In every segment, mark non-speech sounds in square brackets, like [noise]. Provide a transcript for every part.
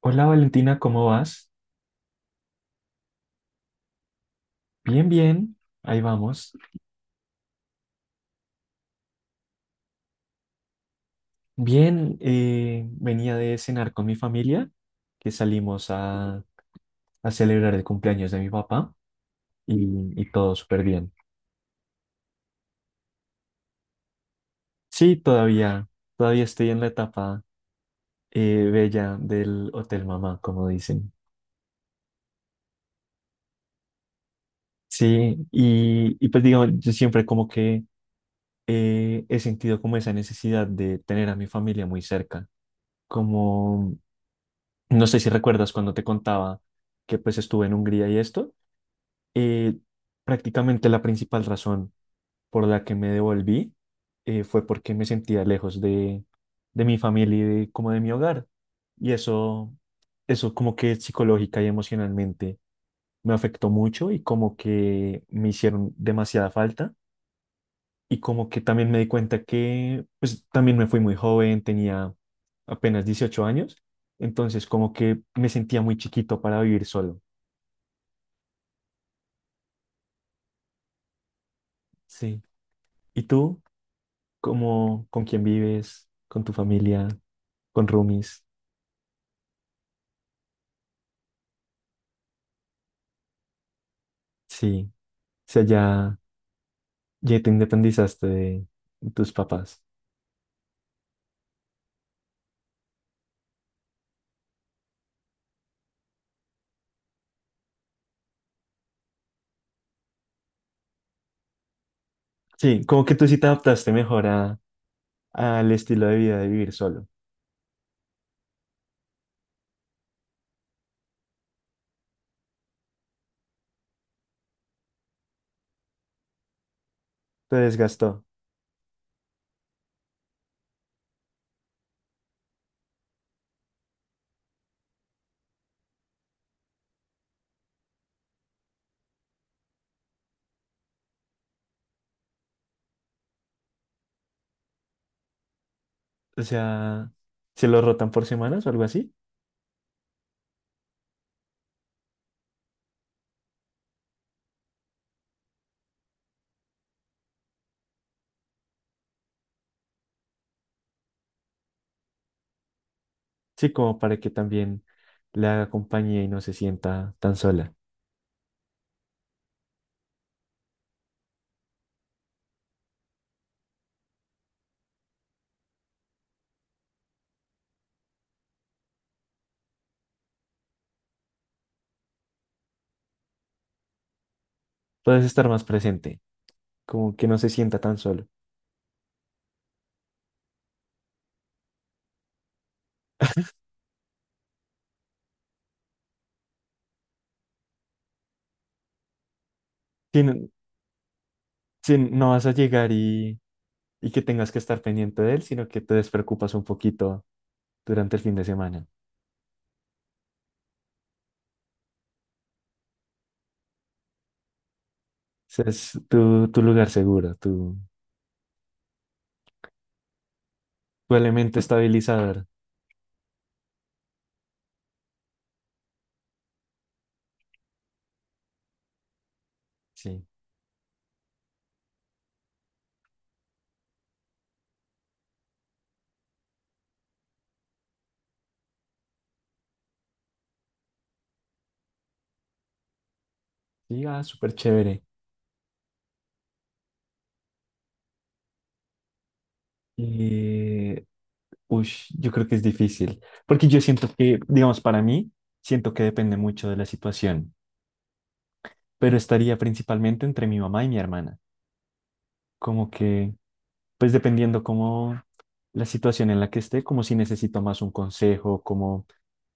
Hola Valentina, ¿cómo vas? Bien, bien, ahí vamos. Bien, venía de cenar con mi familia, que salimos a celebrar el cumpleaños de mi papá y, y todo súper bien. Sí, todavía estoy en la etapa bella del Hotel Mamá, como dicen. Sí, y pues digamos, yo siempre como que he sentido como esa necesidad de tener a mi familia muy cerca. Como, no sé si recuerdas cuando te contaba que pues estuve en Hungría y esto. eh, Prácticamente la principal razón por la que me devolví fue porque me sentía lejos de mi familia y como de mi hogar. Y eso como que psicológica y emocionalmente me afectó mucho y como que me hicieron demasiada falta. Y como que también me di cuenta que, pues también me fui muy joven, tenía apenas 18 años, entonces como que me sentía muy chiquito para vivir solo. Sí. ¿Y tú? ¿Con quién vives? ¿Con tu familia? ¿Con roomies? Sí. O sea, ya te independizaste de tus papás. Sí, como que tú sí te adaptaste mejor al estilo de vida de vivir solo. Te desgastó. O sea, ¿se lo rotan por semanas o algo así? Sí, como para que también le haga compañía y no se sienta tan sola. Puedes estar más presente, como que no se sienta tan solo. Si no, si no vas a llegar y que tengas que estar pendiente de él, sino que te despreocupas un poquito durante el fin de semana. Ese es tu lugar seguro, tu elemento estabilizador. Sí, sí, ah, súper chévere. Eh, ush, yo creo que es difícil, porque yo siento que, digamos, para mí, siento que depende mucho de la situación, pero estaría principalmente entre mi mamá y mi hermana. Como que, pues dependiendo como la situación en la que esté, como si necesito más un consejo, como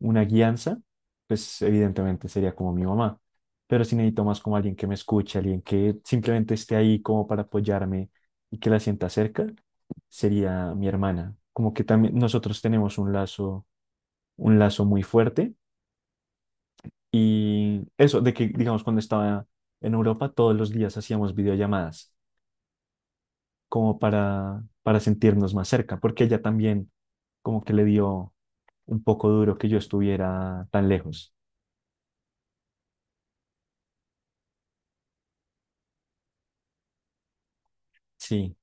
una guianza, pues evidentemente sería como mi mamá. Pero si necesito más como alguien que me escuche, alguien que simplemente esté ahí como para apoyarme y que la sienta cerca, sería mi hermana. Como que también nosotros tenemos un lazo muy fuerte y eso de que, digamos, cuando estaba en Europa, todos los días hacíamos videollamadas, como para sentirnos más cerca, porque ella también como que le dio un poco duro que yo estuviera tan lejos. Sí,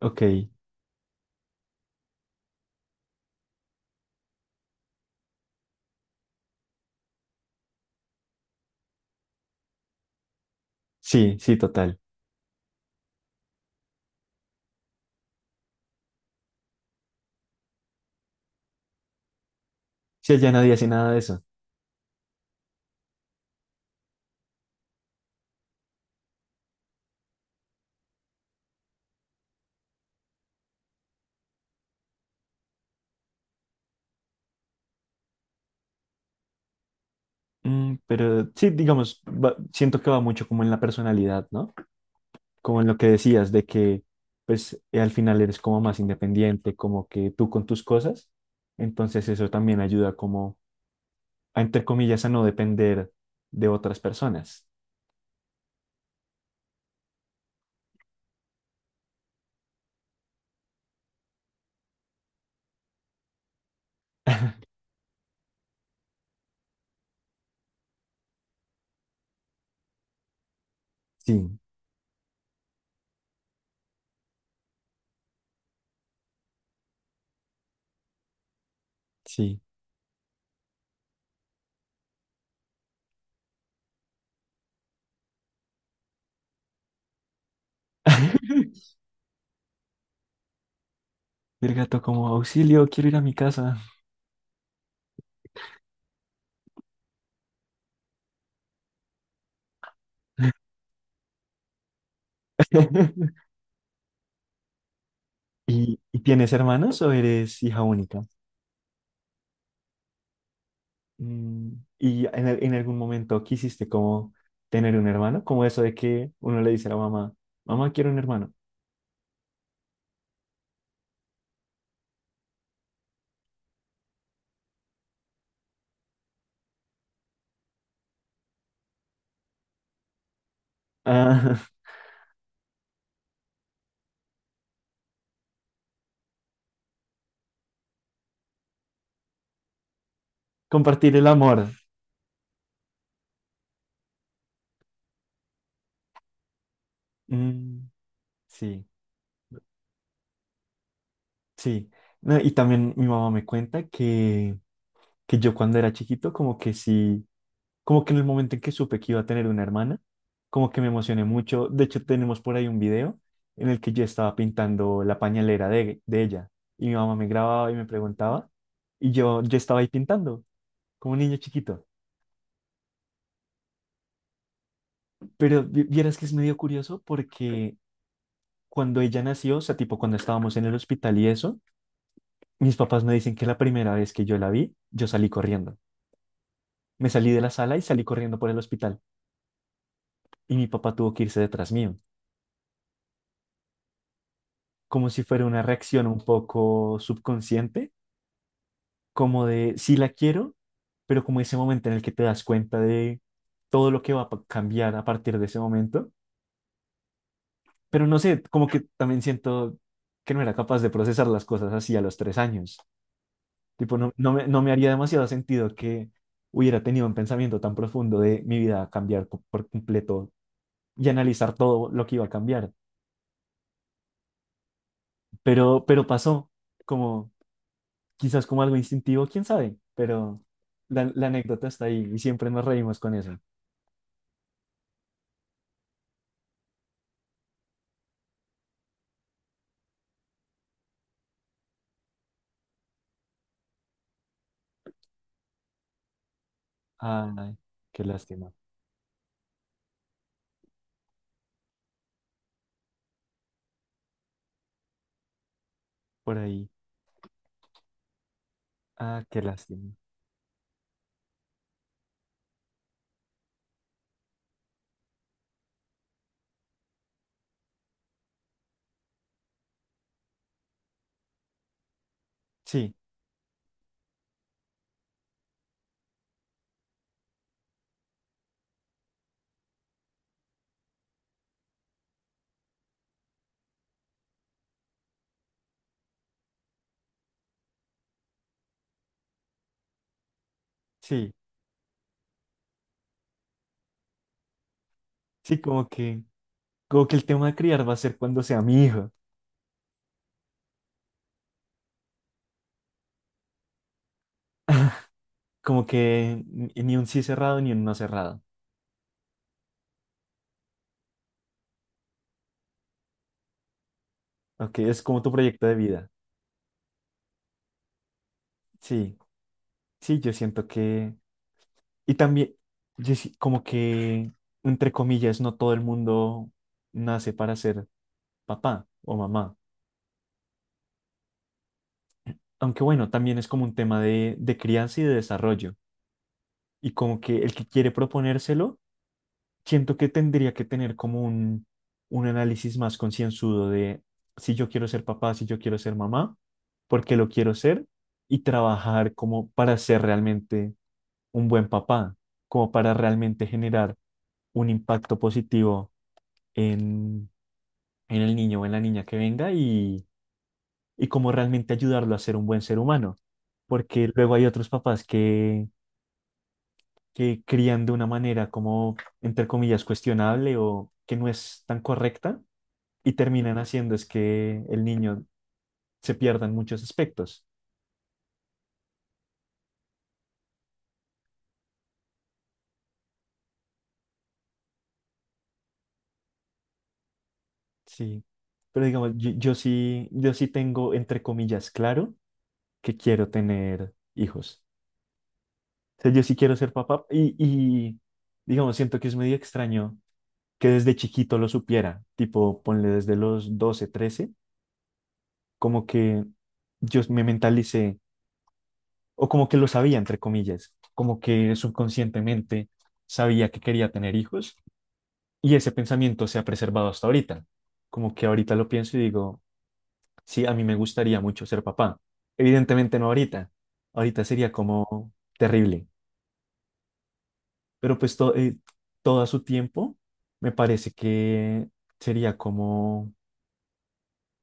ok, sí, sí, total. Sí, ella nadie hace nada de eso. Mm, pero sí, digamos, siento que va mucho como en la personalidad, ¿no? Como en lo que decías de que, pues, al final eres como más independiente, como que tú con tus cosas. Entonces eso también ayuda como a, entre comillas, a no depender de otras personas. Sí, sí. [laughs] El gato como auxilio, quiero ir a mi casa. [laughs] ¿Y tienes hermanos o eres hija única? Mm, ¿y en, en algún momento quisiste como tener un hermano? Como eso de que uno le dice a la mamá, mamá, quiero un hermano. Ah, [laughs] compartir el amor. Mm, sí, sí. No, y también mi mamá me cuenta que yo cuando era chiquito como que sí, como que en el momento en que supe que iba a tener una hermana, como que me emocioné mucho. De hecho, tenemos por ahí un video en el que yo estaba pintando la pañalera de ella y mi mamá me grababa y me preguntaba y yo estaba ahí pintando como un niño chiquito. Pero vieras que es medio curioso porque cuando ella nació, o sea, tipo cuando estábamos en el hospital y eso, mis papás me dicen que la primera vez que yo la vi, yo salí corriendo. Me salí de la sala y salí corriendo por el hospital y mi papá tuvo que irse detrás mío, como si fuera una reacción un poco subconsciente, como de sí la quiero, pero como ese momento en el que te das cuenta de todo lo que va a cambiar a partir de ese momento. Pero no sé, como que también siento que no era capaz de procesar las cosas así a los 3 años. Tipo, no, no me haría demasiado sentido que hubiera tenido un pensamiento tan profundo de mi vida va a cambiar por completo y analizar todo lo que iba a cambiar. Pero pasó, como quizás como algo instintivo, quién sabe, pero la anécdota está ahí y siempre nos reímos con eso. Ay, qué lástima. Por ahí. Ah, qué lástima. Sí, sí, sí, como que el tema de criar va a ser cuando sea mi hijo. Como que ni un sí cerrado ni un no cerrado. Ok, es como tu proyecto de vida. Sí, sí, yo siento que. Y también, yo como que, entre comillas, no todo el mundo nace para ser papá o mamá. Aunque bueno, también es como un tema de crianza y de desarrollo. Y como que el que quiere proponérselo, siento que tendría que tener como un análisis más concienzudo de si yo quiero ser papá, si yo quiero ser mamá, por qué lo quiero ser y trabajar como para ser realmente un buen papá, como para realmente generar un impacto positivo en, en el niño o en la niña que venga y como realmente ayudarlo a ser un buen ser humano. Porque luego hay otros papás que crían de una manera como, entre comillas, cuestionable o que no es tan correcta y terminan haciendo es que el niño se pierda en muchos aspectos. Sí, pero digamos, yo sí tengo, entre comillas, claro que quiero tener hijos. O sea, yo sí quiero ser papá y digamos, siento que es medio extraño que desde chiquito lo supiera, tipo, ponle desde los 12 13, como que yo me mentalicé o como que lo sabía, entre comillas, como que subconscientemente sabía que quería tener hijos y ese pensamiento se ha preservado hasta ahorita. Como que ahorita lo pienso y digo, sí, a mí me gustaría mucho ser papá. Evidentemente no ahorita, ahorita sería como terrible, pero pues todo a su tiempo me parece que sería como,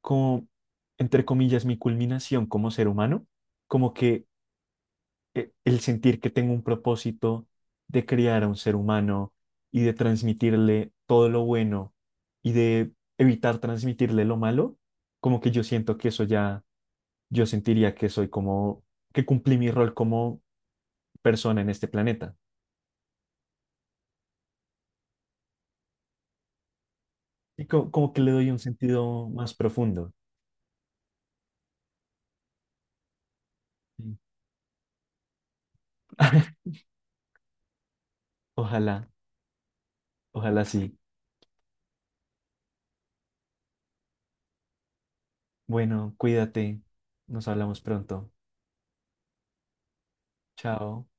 como, entre comillas, mi culminación como ser humano, como que el sentir que tengo un propósito de criar a un ser humano y de transmitirle todo lo bueno y de evitar transmitirle lo malo, como que yo siento que eso ya, yo sentiría que soy como, que cumplí mi rol como persona en este planeta. Y como, que le doy un sentido más profundo. Sí. [laughs] Ojalá, ojalá sí. Bueno, cuídate. Nos hablamos pronto. Chao.